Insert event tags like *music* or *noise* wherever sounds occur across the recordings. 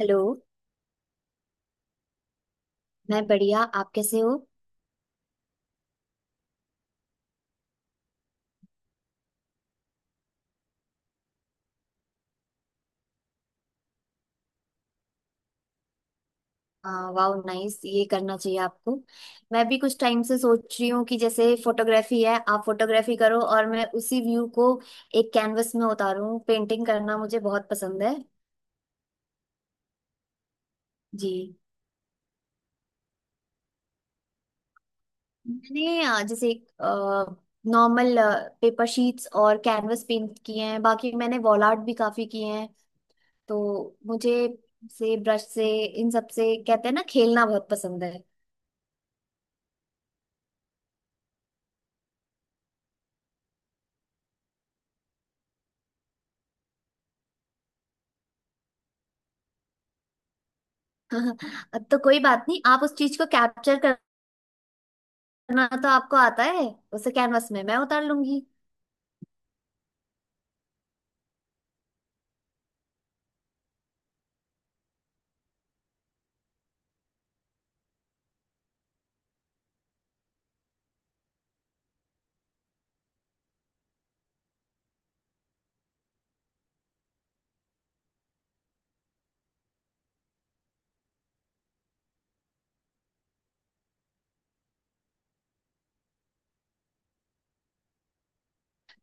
Hello. मैं बढ़िया, आप कैसे हो। वाह नाइस, ये करना चाहिए आपको। मैं भी कुछ टाइम से सोच रही हूँ कि जैसे फोटोग्राफी है, आप फोटोग्राफी करो और मैं उसी व्यू को एक कैनवस में उतारूँ। पेंटिंग करना मुझे बहुत पसंद है। जी। मैंने जैसे नॉर्मल पेपर शीट्स और कैनवस पेंट किए हैं। बाकी मैंने वॉल आर्ट भी काफी किए हैं। तो मुझे से ब्रश से इन सब से कहते हैं ना, खेलना बहुत पसंद है। *laughs* तो कोई बात नहीं, आप उस चीज को कैप्चर करना तो आपको आता है। उसे कैनवस में मैं उतार लूंगी।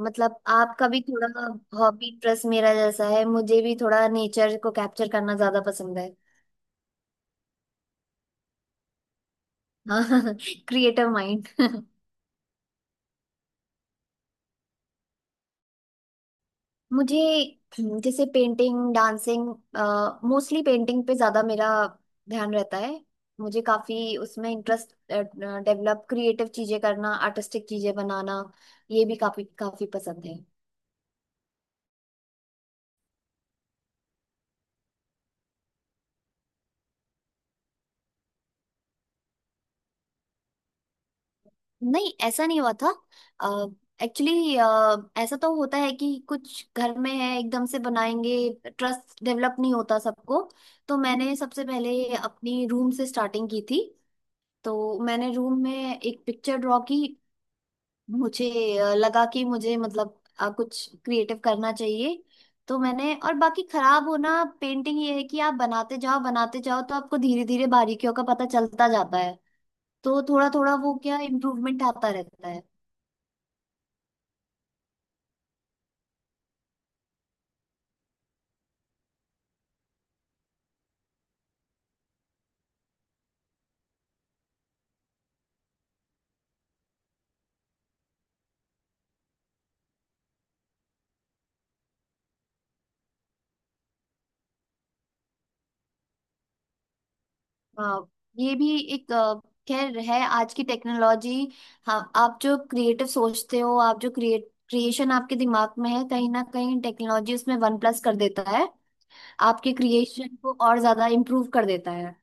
मतलब आपका भी थोड़ा हॉबी इंटरेस्ट मेरा जैसा है। मुझे भी थोड़ा नेचर को कैप्चर करना ज्यादा पसंद है। *laughs* हाँ, क्रिएटिव माइंड। *laughs* मुझे जैसे पेंटिंग, डांसिंग, मोस्टली पेंटिंग पे ज्यादा मेरा ध्यान रहता है। मुझे काफी उसमें इंटरेस्ट डेवलप, क्रिएटिव चीजें करना, आर्टिस्टिक चीजें बनाना, ये भी काफी काफी पसंद है। नहीं, ऐसा नहीं हुआ था। एक्चुअली ऐसा तो होता है कि कुछ घर में है एकदम से बनाएंगे, ट्रस्ट डेवलप नहीं होता सबको। तो मैंने सबसे पहले अपनी रूम से स्टार्टिंग की थी। तो मैंने रूम में एक पिक्चर ड्रॉ की। मुझे लगा कि मुझे मतलब कुछ क्रिएटिव करना चाहिए। तो मैंने और बाकी खराब होना पेंटिंग ये है कि आप बनाते जाओ तो आपको धीरे धीरे बारीकियों का पता चलता जाता है। तो थोड़ा थोड़ा वो क्या इम्प्रूवमेंट आता रहता है। हाँ, ये भी एक खैर है आज की टेक्नोलॉजी। हाँ, आप जो क्रिएटिव सोचते हो, आप जो क्रिएट क्रिएशन आपके दिमाग में है, कहीं ना कहीं टेक्नोलॉजी उसमें वन प्लस कर देता है। आपके क्रिएशन को और ज्यादा इम्प्रूव कर देता है।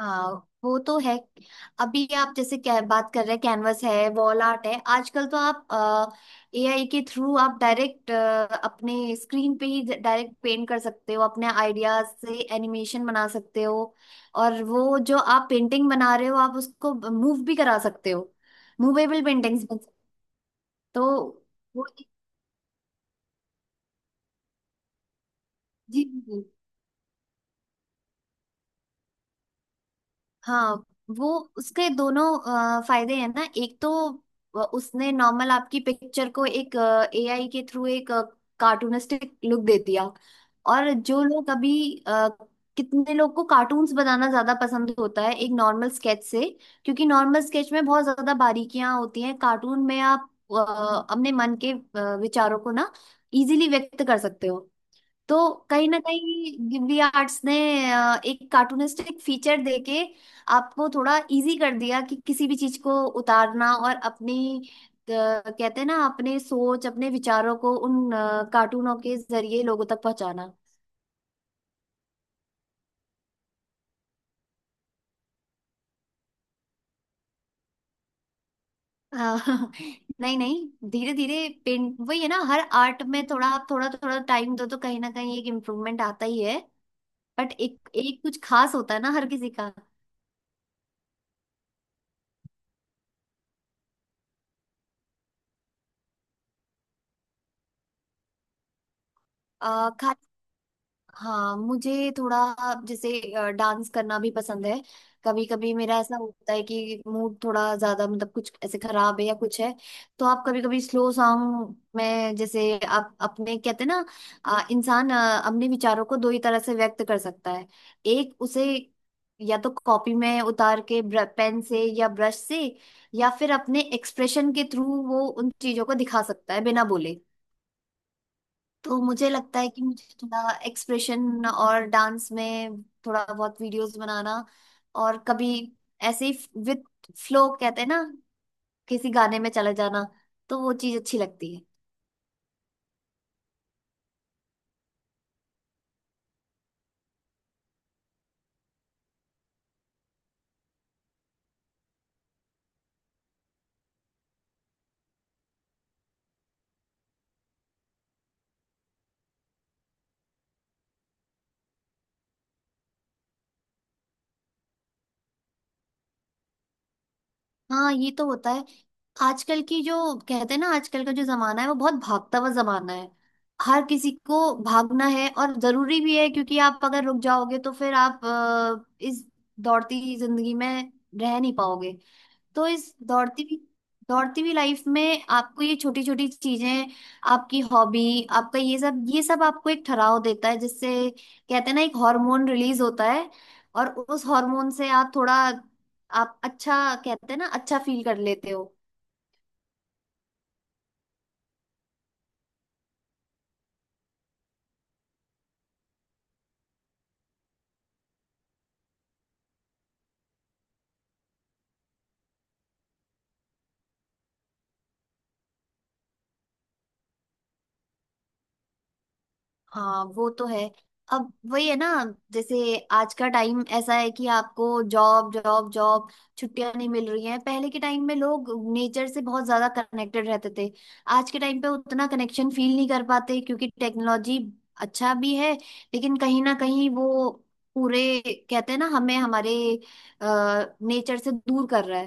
हाँ वो तो है। अभी आप जैसे क्या बात कर रहे हैं, कैनवस है, वॉल आर्ट है, आजकल तो आप एआई के थ्रू आप डायरेक्ट अपने स्क्रीन पे ही डायरेक्ट पेंट कर सकते हो, अपने आइडियाज से एनिमेशन बना सकते हो। और वो जो आप पेंटिंग बना रहे हो आप उसको मूव भी करा सकते हो। मूवेबल पेंटिंग्स बन सकते हो। तो वो जी जी। हाँ वो उसके दोनों फायदे हैं ना। एक तो उसने नॉर्मल आपकी पिक्चर को एक एआई के थ्रू एक कार्टूनिस्टिक लुक दे दिया। और जो लोग अभी अ, कितने लोग को कार्टून्स बनाना ज्यादा पसंद होता है एक नॉर्मल स्केच से। क्योंकि नॉर्मल स्केच में बहुत ज्यादा बारीकियां होती हैं। कार्टून में आप अपने मन के विचारों को ना इजीली व्यक्त कर सकते हो। तो कहीं ना कहीं गिब्बी आर्ट्स ने एक कार्टूनिस्टिक फीचर देके आपको थोड़ा इजी कर दिया कि किसी भी चीज को उतारना और अपनी कहते हैं ना, अपने सोच अपने विचारों को उन कार्टूनों के जरिए लोगों तक पहुंचाना। हाँ, *laughs* नहीं नहीं, धीरे धीरे पेंट वही है ना, हर आर्ट में थोड़ा आप थोड़ा थोड़ा टाइम दो तो कहीं ना कहीं एक इम्प्रूवमेंट आता ही है। बट एक एक कुछ खास होता है ना हर किसी का। अ, हाँ, मुझे थोड़ा जैसे डांस करना भी पसंद है। कभी कभी मेरा ऐसा होता है कि मूड थोड़ा ज्यादा मतलब कुछ ऐसे खराब है या कुछ है, तो आप कभी कभी स्लो सॉन्ग में जैसे आप अपने कहते हैं ना, इंसान अपने विचारों को दो ही तरह से व्यक्त कर सकता है। एक उसे या तो कॉपी में उतार के, पेन से या ब्रश से, या फिर अपने एक्सप्रेशन के थ्रू वो उन चीजों को दिखा सकता है बिना बोले। तो मुझे लगता है कि मुझे थोड़ा एक्सप्रेशन और डांस में थोड़ा बहुत वीडियोस बनाना और कभी ऐसे ही विद फ्लो कहते हैं ना, किसी गाने में चले जाना, तो वो चीज अच्छी लगती है। हाँ, ये तो होता है। आजकल की जो कहते हैं ना, आजकल का जो जमाना है वो बहुत भागता हुआ जमाना है। हर किसी को भागना है और जरूरी भी है, क्योंकि आप अगर रुक जाओगे तो फिर आप इस दौड़ती जिंदगी में रह नहीं पाओगे। तो इस दौड़ती हुई लाइफ में आपको ये छोटी छोटी चीजें, आपकी हॉबी, आपका ये सब आपको एक ठहराव देता है, जिससे कहते हैं ना, एक हार्मोन रिलीज होता है। और उस हार्मोन से आप थोड़ा आप अच्छा कहते हैं ना, अच्छा फील कर लेते हो। हाँ वो तो है। अब वही है ना, जैसे आज का टाइम ऐसा है कि आपको जॉब जॉब जॉब, छुट्टियां नहीं मिल रही हैं। पहले के टाइम में लोग नेचर से बहुत ज्यादा कनेक्टेड रहते थे। आज के टाइम पे उतना कनेक्शन फील नहीं कर पाते क्योंकि टेक्नोलॉजी अच्छा भी है, लेकिन कहीं ना कहीं वो पूरे कहते हैं ना, हमें हमारे नेचर से दूर कर रहा है।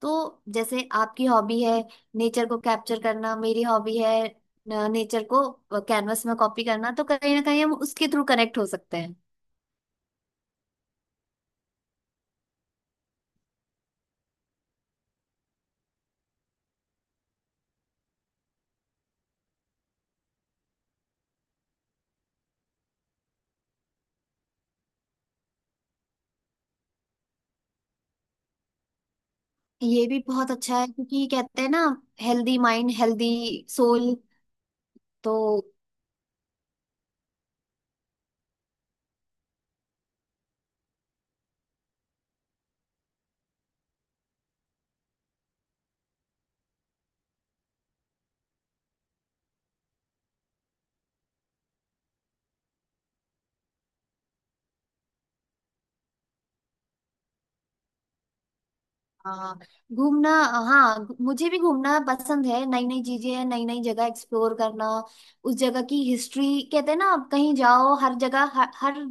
तो जैसे आपकी हॉबी है नेचर को कैप्चर करना, मेरी हॉबी है नेचर को कैनवस में कॉपी करना, तो कहीं ना कहीं हम उसके थ्रू कनेक्ट हो सकते हैं। ये भी बहुत अच्छा है क्योंकि कहते हैं ना, हेल्दी माइंड हेल्दी सोल। तो हाँ, घूमना। हाँ, मुझे भी घूमना पसंद है, नई नई चीजें, नई नई जगह एक्सप्लोर करना। उस जगह की हिस्ट्री कहते हैं ना, आप कहीं जाओ, हर जगह हर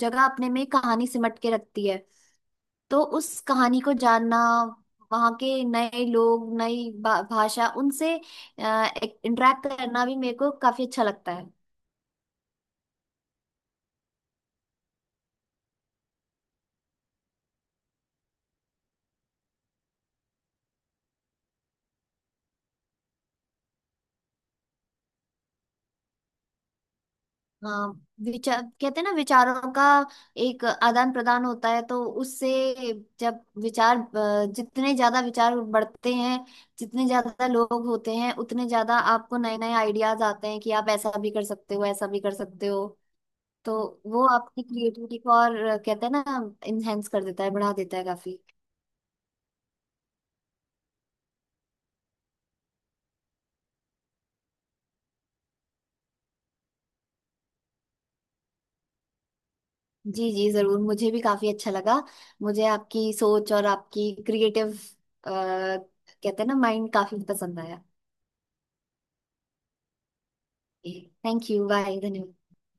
जगह अपने में कहानी सिमट के रखती है। तो उस कहानी को जानना, वहाँ के नए लोग, नई भाषा, उनसे इंटरेक्ट करना भी मेरे को काफी अच्छा लगता है। हाँ, विचार कहते हैं ना, विचारों का एक आदान प्रदान होता है, तो उससे जब विचार जितने ज्यादा विचार बढ़ते हैं, जितने ज्यादा लोग होते हैं, उतने ज्यादा आपको नए नए आइडियाज आते हैं कि आप ऐसा भी कर सकते हो, ऐसा भी कर सकते हो। तो वो आपकी क्रिएटिविटी को और कहते हैं ना, इनहेंस कर देता है, बढ़ा देता है काफी। जी जी जरूर, मुझे भी काफी अच्छा लगा। मुझे आपकी सोच और आपकी क्रिएटिव कहते हैं ना, माइंड काफी पसंद आया। थैंक यू, बाय, धन्यवाद।